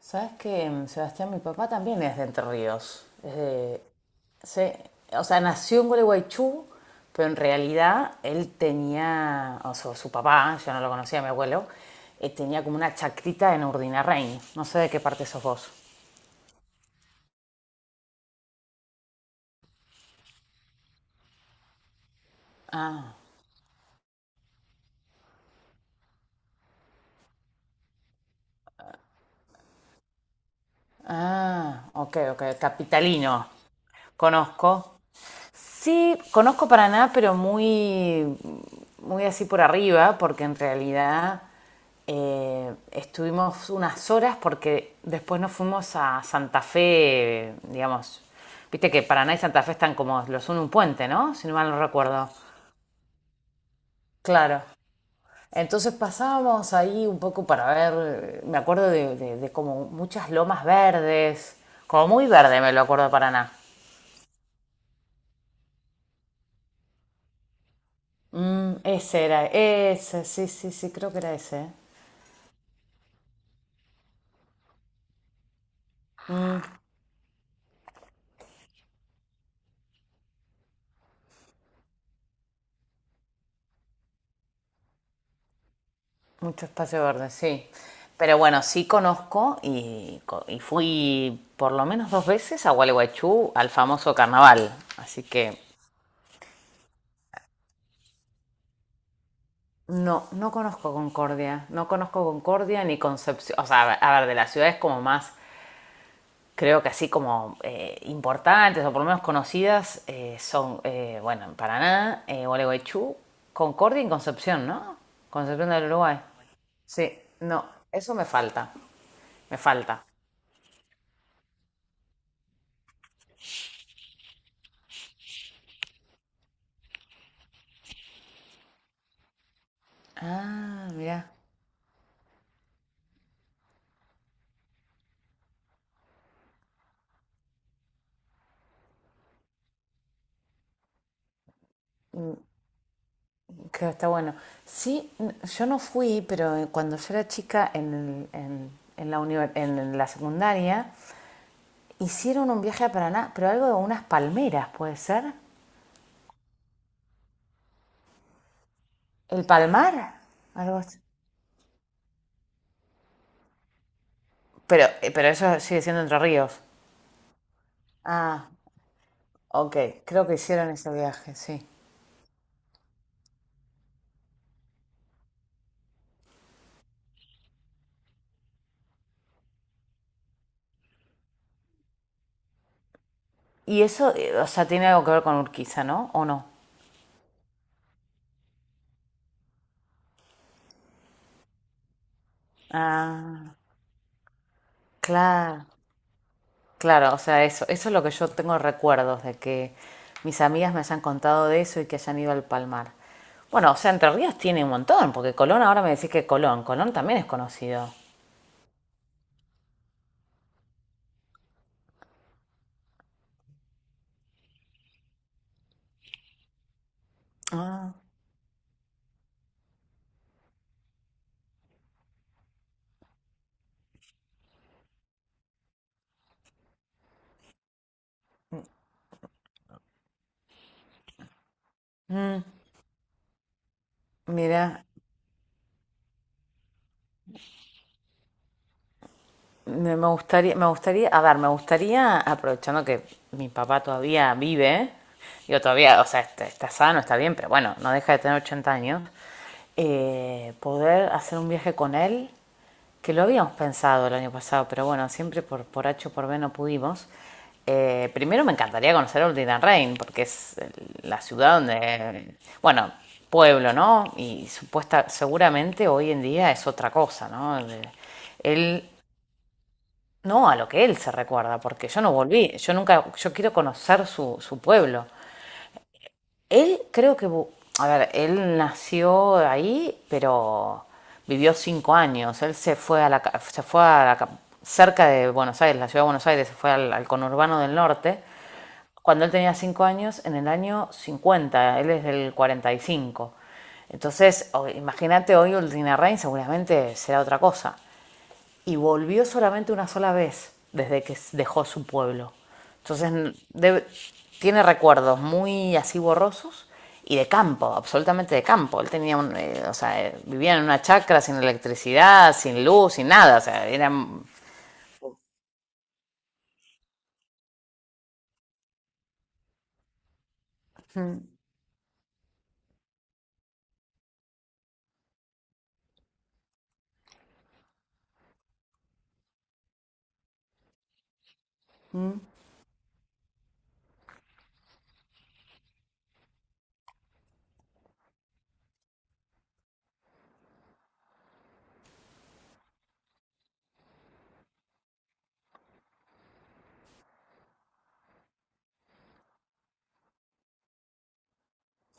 Sabes que Sebastián, mi papá también es de Entre Ríos. Es de- se- o sea, Nació en Gualeguaychú, pero en realidad él tenía, o sea, su papá, yo no lo conocía, mi abuelo, tenía como una chacrita en Urdinarrain. No sé de qué parte sos vos. Ah, ah, ok, ok, capitalino. Conozco, sí, conozco Paraná, pero muy así por arriba, porque en realidad estuvimos unas horas porque después nos fuimos a Santa Fe, digamos. Viste que Paraná y Santa Fe están como los uno un puente, ¿no? Si no mal no recuerdo. Claro. Entonces pasábamos ahí un poco para ver, me acuerdo de como muchas lomas verdes, como muy verde me lo acuerdo de Paraná. Mm, ese era, sí, sí, sí, creo que era ese. Mucho espacio verde, sí. Pero bueno, sí conozco y fui por lo menos dos veces a Gualeguaychú al famoso carnaval. Así que no, no conozco Concordia. No conozco Concordia ni Concepción. O sea, a ver, de las ciudades como más, creo que así como importantes o por lo menos conocidas son, bueno, en Paraná, Gualeguaychú, Concordia y Concepción, ¿no? Concepción del Uruguay. Sí, no, eso me falta. Me falta. Ah, mira. Que está bueno. Sí, yo no fui, pero cuando yo era chica en la, univers en la secundaria, hicieron un viaje a Paraná, pero algo de unas palmeras, ¿puede ser? ¿El Palmar? Algo así. Pero eso sigue siendo Entre Ríos. Ah, ok, creo que hicieron ese viaje, sí. Y eso, o sea, tiene algo que ver con Urquiza, ¿no? ¿O no? Ah, claro. Claro, o sea, eso es lo que yo tengo recuerdos de que mis amigas me hayan contado de eso y que hayan ido al Palmar. Bueno, o sea, Entre Ríos tiene un montón, porque Colón ahora me decís que Colón también es conocido. Ah, mm, mira, me gustaría, a ver, me gustaría, aprovechando que mi papá todavía vive, yo todavía, o sea, está, está sano, está bien, pero bueno, no deja de tener 80 años, poder hacer un viaje con él que lo habíamos pensado el año pasado, pero bueno, siempre por H o por B no pudimos. Primero me encantaría conocer Ordina porque es la ciudad donde, bueno, pueblo, ¿no? Y supuesta, seguramente hoy en día es otra cosa, ¿no? Él, no a lo que él se recuerda, porque yo no volví, yo nunca, yo quiero conocer su, su pueblo. Él creo que, a ver, él nació ahí, pero vivió 5 años. Él se fue a la, se fue a la cerca de Buenos Aires, la ciudad de Buenos Aires, se fue al conurbano del norte. Cuando él tenía 5 años, en el año 50, él es del 45. Entonces, imagínate hoy Ultinarrain seguramente será otra cosa y volvió solamente una sola vez desde que dejó su pueblo. Entonces debe- tiene recuerdos muy así borrosos y de campo, absolutamente de campo. Él tenía un, o sea, vivía en una chacra sin electricidad, sin luz, sin nada. O sea, era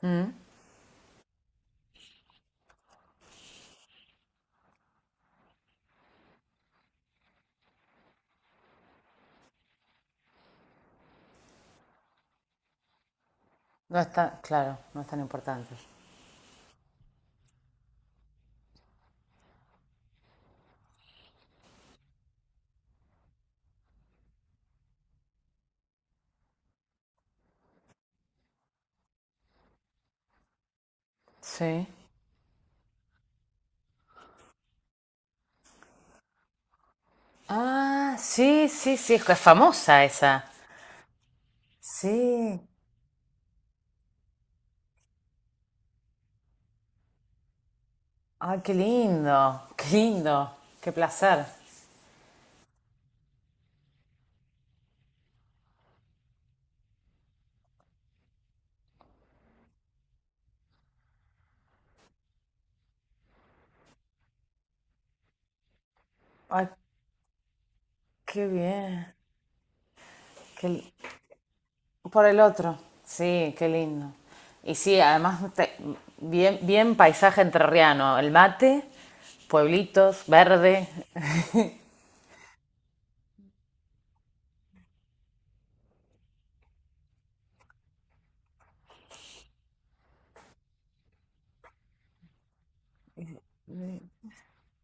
mm, no es tan, claro, no es tan importante. Sí. Ah, sí, sí, sí, es famosa esa. Sí. Ay, qué lindo, qué lindo, qué placer. Ay, qué bien. Qué, por el otro. Sí, qué lindo. Y sí, además, te- bien, bien paisaje entrerriano. El mate, pueblitos, verde.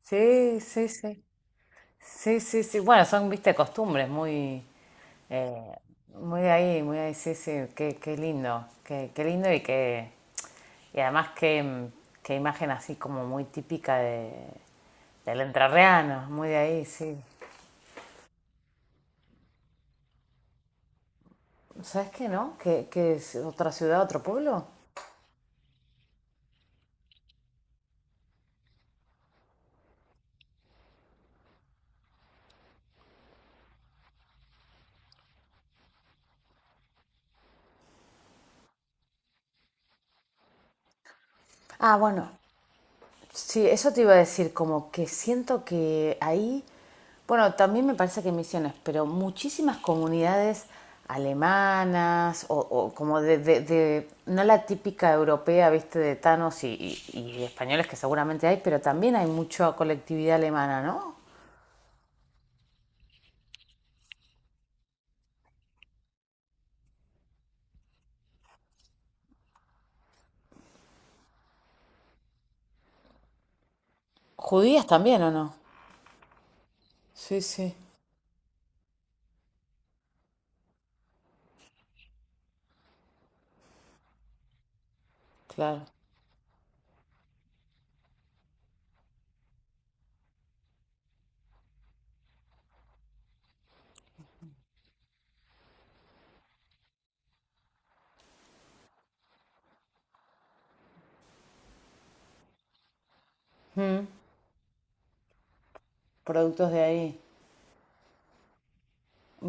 Sí, sí, sí. Sí, sí, sí. Bueno, son, viste, costumbres eh, muy de ahí, muy de ahí. Sí, sí. Qué, qué lindo. Qué, qué lindo y que y además qué, qué imagen así como muy típica de, del entrerriano. Muy de ahí, sí. ¿Sabes qué, no? ¿Qué, qué es otra ciudad, otro pueblo? Ah, bueno, sí, eso te iba a decir, como que siento que ahí, bueno, también me parece que misiones, pero muchísimas comunidades alemanas o como no la típica europea, viste, de tanos y españoles que seguramente hay, pero también hay mucha colectividad alemana, ¿no? Judías también, ¿o no? Sí, sí, claro. Mm, productos de ahí.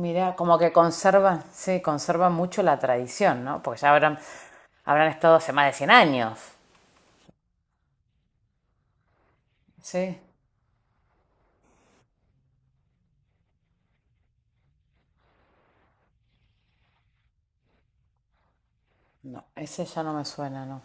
Mira, como que conservan, sí, conservan mucho la tradición, ¿no? Porque ya habrán, habrán estado hace más de 100 años. Sí, no, ese ya no me suena, no.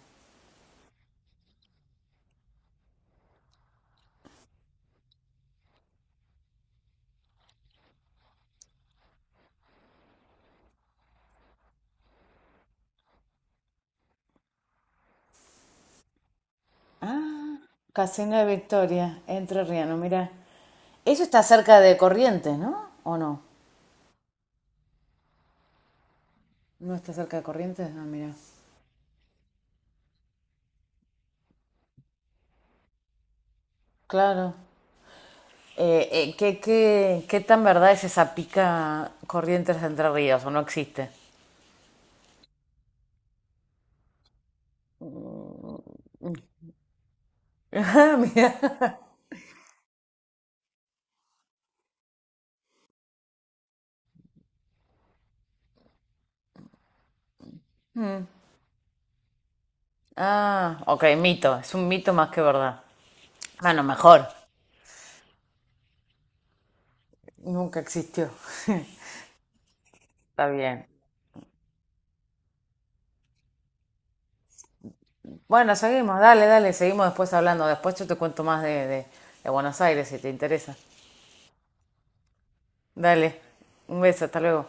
Ah, Casino de Victoria, Entre Riano, mira. Eso está cerca de Corrientes, ¿no? ¿O no? ¿No está cerca de Corrientes? Ah, mira. Claro. ¿Qué, qué, qué tan verdad es esa pica Corrientes de Entre Ríos? ¿O no existe? Ah, mira. Mm. Ah, ok, mito. Es un mito más que verdad. Bueno, mejor. Nunca existió. Está bien. Bueno, seguimos, dale, dale, seguimos después hablando. Después yo te cuento más de Buenos Aires si te interesa. Dale, un beso, hasta luego.